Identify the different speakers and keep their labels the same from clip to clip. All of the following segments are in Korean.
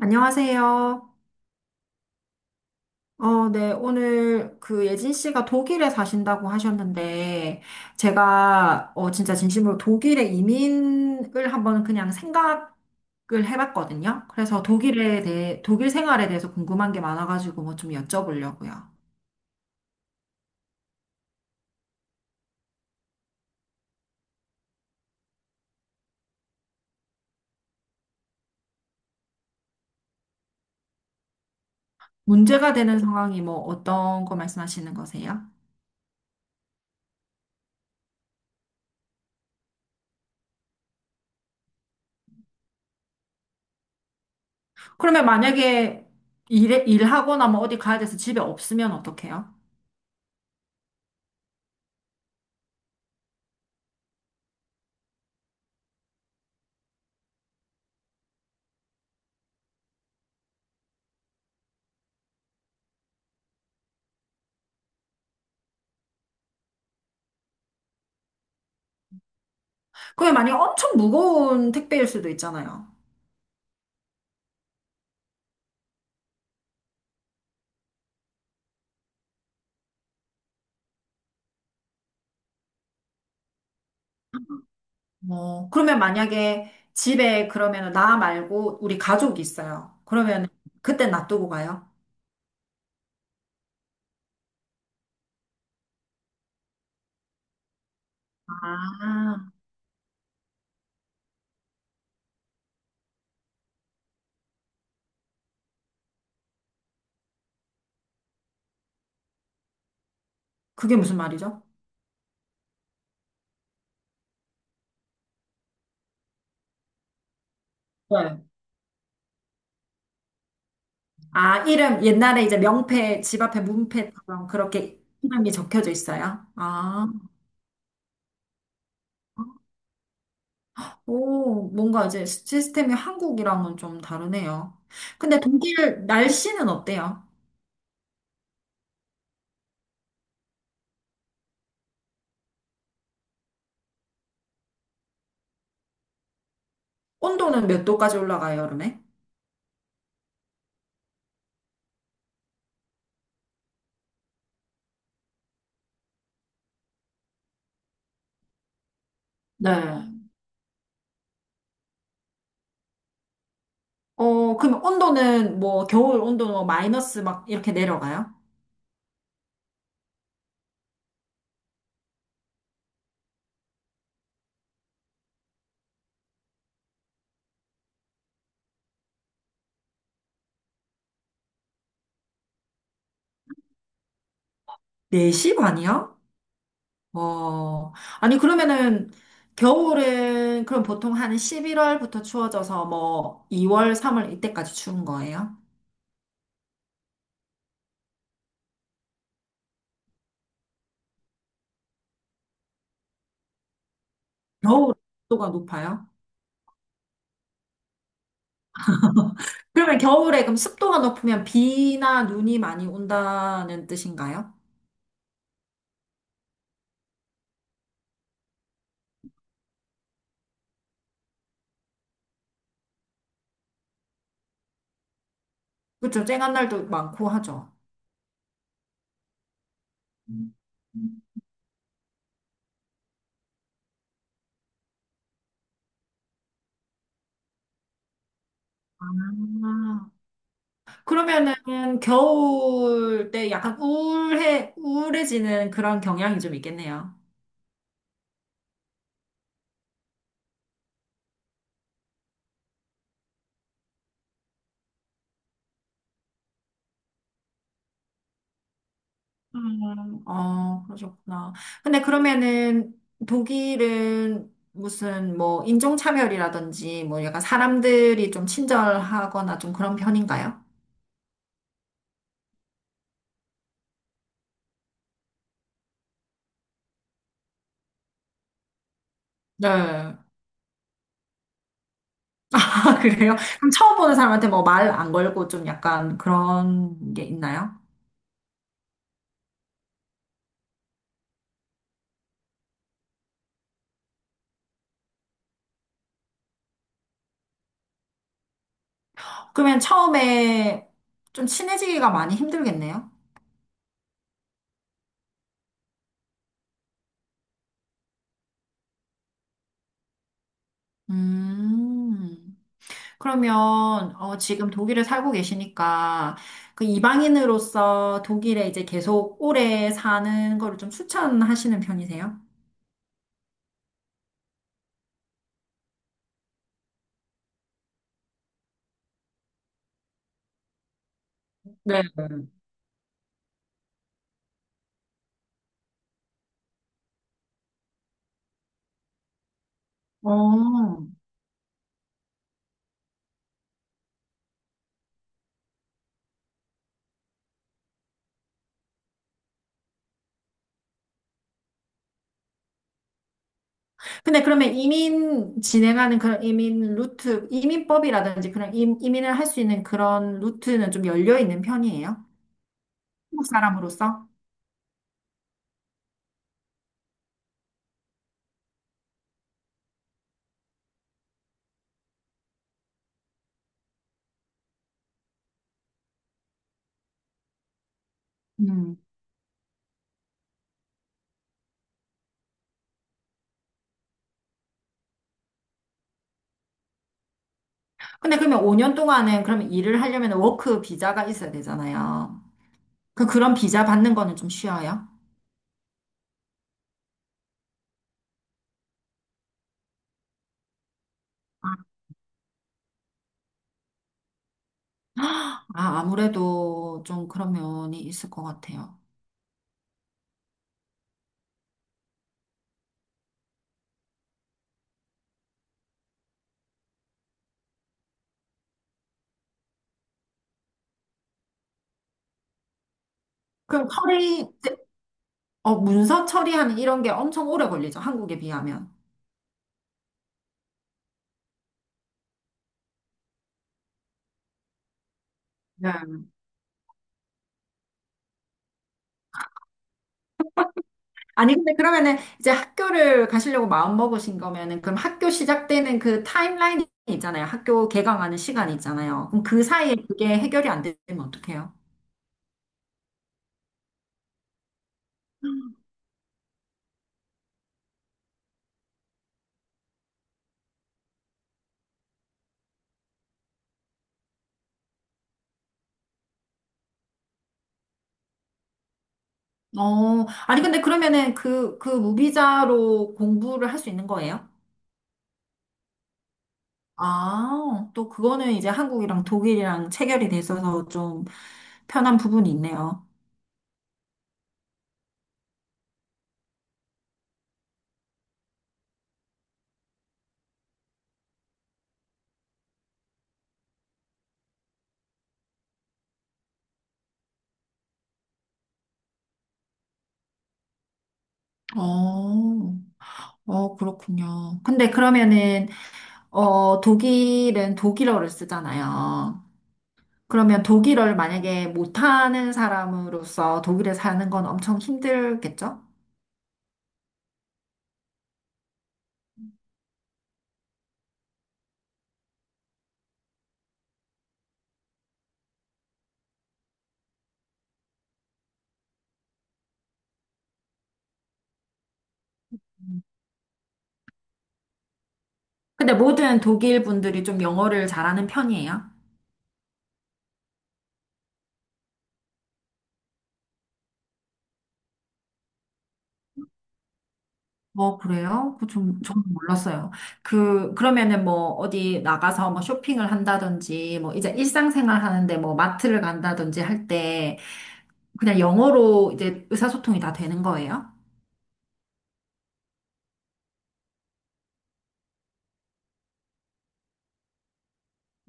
Speaker 1: 안녕하세요. 네, 오늘 그 예진 씨가 독일에 사신다고 하셨는데, 제가 진짜 진심으로 독일에 이민을 한번 그냥 생각을 해봤거든요. 그래서 독일에 대해, 독일 생활에 대해서 궁금한 게 많아가지고 뭐 좀 여쭤보려고요. 문제가 되는 상황이 뭐 어떤 거 말씀하시는 거세요? 그러면 만약에 일하거나 뭐 어디 가야 돼서 집에 없으면 어떡해요? 그게 만약에 엄청 무거운 택배일 수도 있잖아요. 그러면 만약에 집에, 그러면 나 말고 우리 가족이 있어요. 그러면 그때 놔두고 가요? 아, 그게 무슨 말이죠? 네. 아, 이름, 옛날에 이제 명패, 집 앞에 문패처럼 그렇게 이름이 적혀져 있어요? 아, 오, 뭔가 이제 시스템이 한국이랑은 좀 다르네요. 근데 독일 날씨는 어때요? 온도는 몇 도까지 올라가요, 여름에? 네. 그럼 온도는, 뭐 겨울 온도는 뭐 마이너스 막 이렇게 내려가요? 네시 반이요? 어, 아니, 그러면은, 겨울은, 그럼 보통 한 11월부터 추워져서 뭐, 2월, 3월 이때까지 추운 거예요? 겨울 습도가 높아요? 그러면 겨울에, 그럼 습도가 높으면 비나 눈이 많이 온다는 뜻인가요? 그렇죠. 쨍한 날도 많고 하죠. 음. 아, 그러면은 겨울 때 약간 우울해지는 그런 경향이 좀 있겠네요. 그러셨구나. 근데 그러면은 독일은 무슨, 뭐 인종차별이라든지 뭐 약간 사람들이 좀 친절하거나 좀 그런 편인가요? 네. 아, 그래요? 그럼 처음 보는 사람한테 뭐 말 안 걸고 좀 약간 그런 게 있나요? 그러면 처음에 좀 친해지기가 많이 힘들겠네요? 음. 그러면 지금 독일에 살고 계시니까, 그 이방인으로서 독일에 이제 계속 오래 사는 거를 좀 추천하시는 편이세요? 네. 어. 근데 그러면 이민 진행하는, 그런 이민 루트, 이민법이라든지 그런 이민을 할 수 있는 그런 루트는 좀 열려 있는 편이에요? 한국 사람으로서? 음. 근데 그러면 5년 동안은, 그러면 일을 하려면 워크 비자가 있어야 되잖아요. 그런 비자 받는 거는 좀 쉬워요? 아, 아무래도 좀 그런 면이 있을 것 같아요. 그럼 문서 처리하는 이런 게 엄청 오래 걸리죠. 한국에 비하면. 네. 아니, 근데 그러면은 이제 학교를 가시려고 마음 먹으신 거면은, 그럼 학교 시작되는 그 타임라인이 있잖아요. 학교 개강하는 시간 있잖아요. 그럼 그 사이에 그게 해결이 안 되면 어떡해요? 아니, 근데 그러면은 그 무비자로 공부를 할 수 있는 거예요? 아, 또 그거는 이제 한국이랑 독일이랑 체결이 돼 있어서 좀 편한 부분이 있네요. 어, 그렇군요. 근데 그러면은, 독일은 독일어를 쓰잖아요. 그러면 독일어를 만약에 못하는 사람으로서 독일에 사는 건 엄청 힘들겠죠? 근데 모든 독일 분들이 좀 영어를 잘하는 편이에요. 그래요? 그 좀, 저는 몰랐어요. 그러면은 뭐, 어디 나가서 뭐 쇼핑을 한다든지, 뭐, 이제 일상생활 하는데, 뭐, 마트를 간다든지 할 때, 그냥 영어로 이제 의사소통이 다 되는 거예요?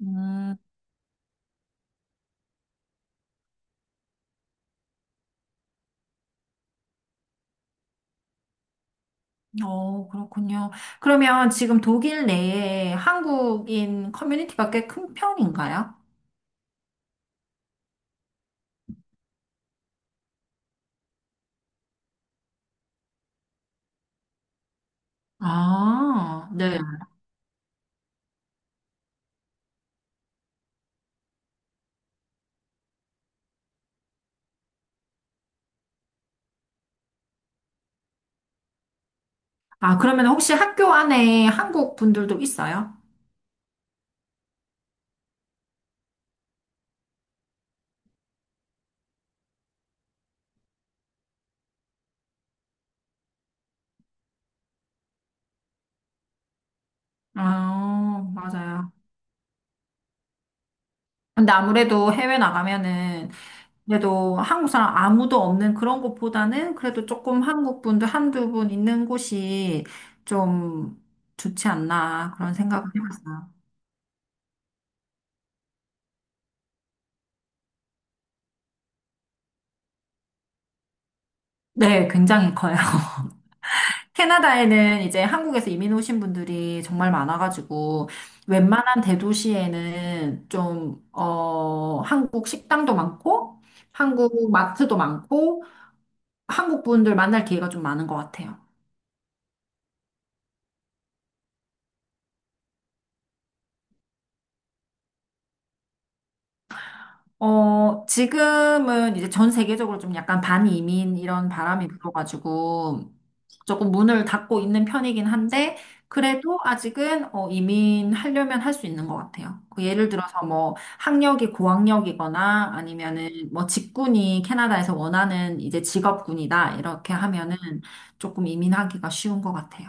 Speaker 1: 음, 그렇군요. 그러면 지금 독일 내에 한국인 커뮤니티가 꽤 큰 편인가요? 아, 네. 아, 그러면 혹시 학교 안에 한국 분들도 있어요? 아, 맞아요. 근데 아무래도 해외 나가면은, 그래도 한국 사람 아무도 없는 그런 곳보다는 그래도 조금 한국 분들 한두 분 있는 곳이 좀 좋지 않나 그런 생각을 해봤어요. 네, 굉장히 커요. 캐나다에는 이제 한국에서 이민 오신 분들이 정말 많아가지고 웬만한 대도시에는 좀, 한국 식당도 많고 한국 마트도 많고 한국 분들 만날 기회가 좀 많은 것 같아요. 지금은 이제 전 세계적으로 좀 약간 반이민 이런 바람이 불어가지고 조금 문을 닫고 있는 편이긴 한데, 그래도 아직은 이민하려면 할 수 있는 것 같아요. 그 예를 들어서 뭐 학력이 고학력이거나 아니면은 뭐 직군이 캐나다에서 원하는 이제 직업군이다 이렇게 하면은 조금 이민하기가 쉬운 것 같아요.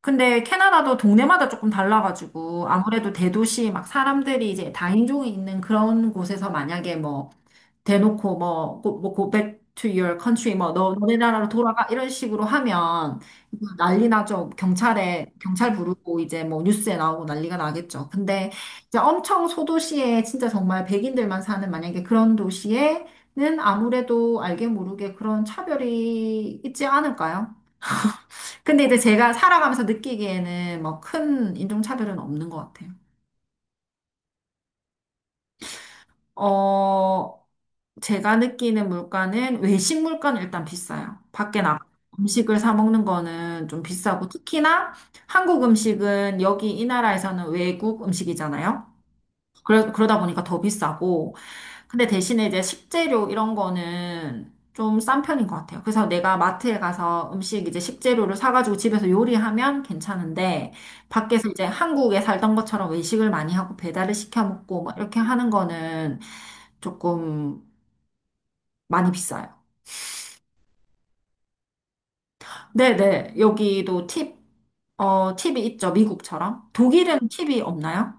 Speaker 1: 근데 캐나다도 동네마다 조금 달라가지고, 아무래도 대도시 막 사람들이 이제 다인종이 있는 그런 곳에서 만약에 뭐 대놓고 뭐, 뭐 go back to your country, 뭐 너네 나라로 돌아가, 이런 식으로 하면 이거 난리 나죠. 경찰 부르고 이제 뭐 뉴스에 나오고 난리가 나겠죠. 근데 이제 엄청 소도시에, 진짜 정말 백인들만 사는 만약에 그런 도시에는 아무래도 알게 모르게 그런 차별이 있지 않을까요? 근데 이제 제가 살아가면서 느끼기에는 뭐 큰 인종차별은 없는 것 같아요. 어, 제가 느끼는 물가는, 외식 물가는 일단 비싸요. 밖에 나가 음식을 사 먹는 거는 좀 비싸고, 특히나 한국 음식은 여기 이 나라에서는 외국 음식이잖아요. 그러다 보니까 더 비싸고. 근데 대신에 이제 식재료 이런 거는 좀 싼 편인 것 같아요. 그래서 내가 마트에 가서 음식, 이제 식재료를 사가지고 집에서 요리하면 괜찮은데, 밖에서 이제 한국에 살던 것처럼 외식을 많이 하고 배달을 시켜 먹고 뭐 이렇게 하는 거는 조금 많이 비싸요. 네네. 여기도 팁이 있죠. 미국처럼. 독일은 팁이 없나요?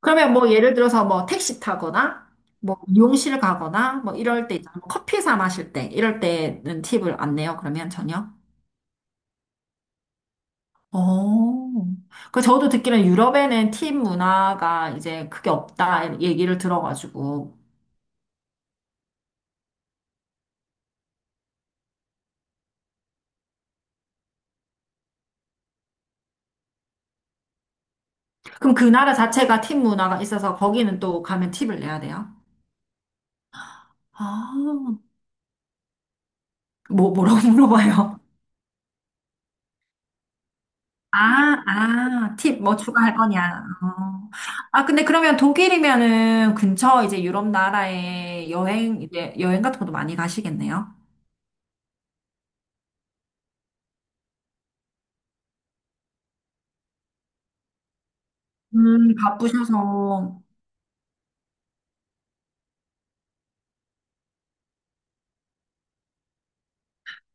Speaker 1: 그러면 뭐 예를 들어서 뭐 택시 타거나 뭐 미용실 가거나 뭐 이럴 때 있잖아. 뭐 커피 사 마실 때 이럴 때는 팁을 안 내요, 그러면 전혀? 어. 그 저도 듣기로는 유럽에는 팁 문화가 이제 크게 없다 얘기를 들어가지고. 그럼 그 나라 자체가 팁 문화가 있어서 거기는 또 가면 팁을 내야 돼요? 아. 뭐라고 물어봐요? 아, 아, 팁 뭐 추가할 거냐. 어. 아, 근데 그러면 독일이면은 근처 이제 유럽 나라에 이제 여행 같은 것도 많이 가시겠네요. 바쁘셔서.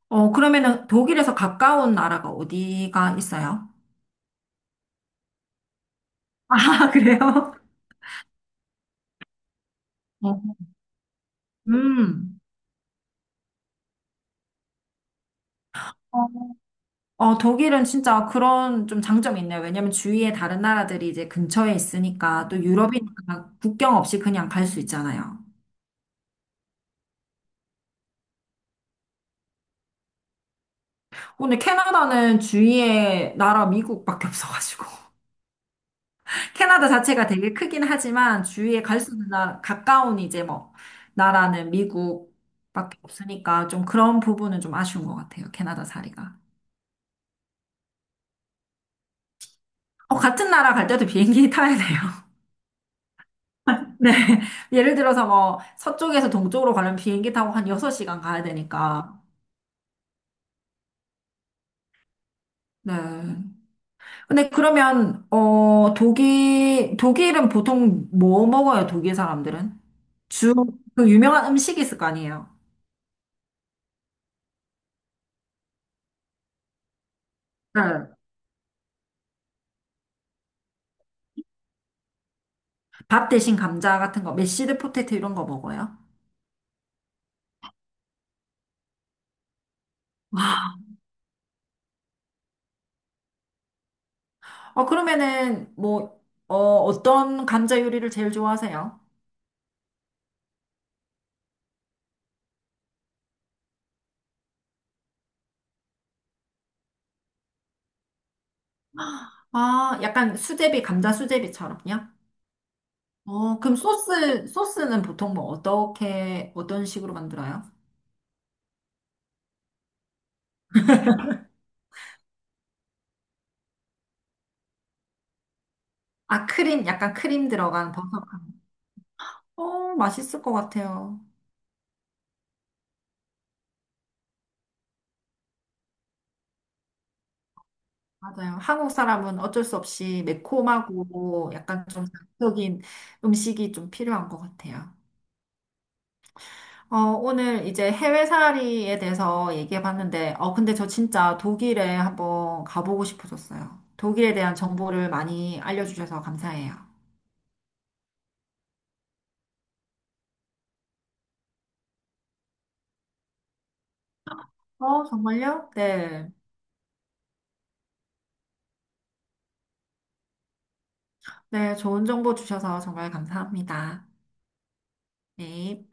Speaker 1: 그러면은 독일에서 가까운 나라가 어디가 있어요? 아, 그래요? 어. 음. 어, 독일은 진짜 그런 좀 장점이 있네요. 왜냐면 주위에 다른 나라들이 이제 근처에 있으니까, 또 유럽이니까 국경 없이 그냥 갈 수 있잖아요. 근데 캐나다는 주위에 나라 미국밖에 없어가지고 캐나다 자체가 되게 크긴 하지만 주위에 갈 수 있는 나라, 가까운 이제 뭐 나라는 미국밖에 없으니까, 좀 그런 부분은 좀 아쉬운 것 같아요, 캐나다 자리가. 같은 나라 갈 때도 비행기 타야 돼요. 네. 예를 들어서 뭐 서쪽에서 동쪽으로 가려면 비행기 타고 한 6시간 가야 되니까. 네. 근데 그러면 독일은 보통 뭐 먹어요, 독일 사람들은? 주, 그 유명한 음식이 있을 거 아니에요. 네. 밥 대신 감자 같은 거, 메시드 포테이토 이런 거 먹어요. 와. 그러면은, 뭐, 어떤 감자 요리를 제일 좋아하세요? 아, 약간 수제비, 감자 수제비처럼요? 그럼 소스는 보통 뭐, 어떻게, 어떤 식으로 만들어요? 아, 크림, 약간 크림 들어간 버섯. 맛있을 것 같아요. 맞아요. 한국 사람은 어쩔 수 없이 매콤하고 약간 좀 자극적인 음식이 좀 필요한 것 같아요. 오늘 이제 해외 살이에 대해서 얘기해 봤는데, 근데 저 진짜 독일에 한번 가보고 싶어졌어요. 독일에 대한 정보를 많이 알려주셔서 감사해요. 정말요? 네. 네, 좋은 정보 주셔서 정말 감사합니다. 네.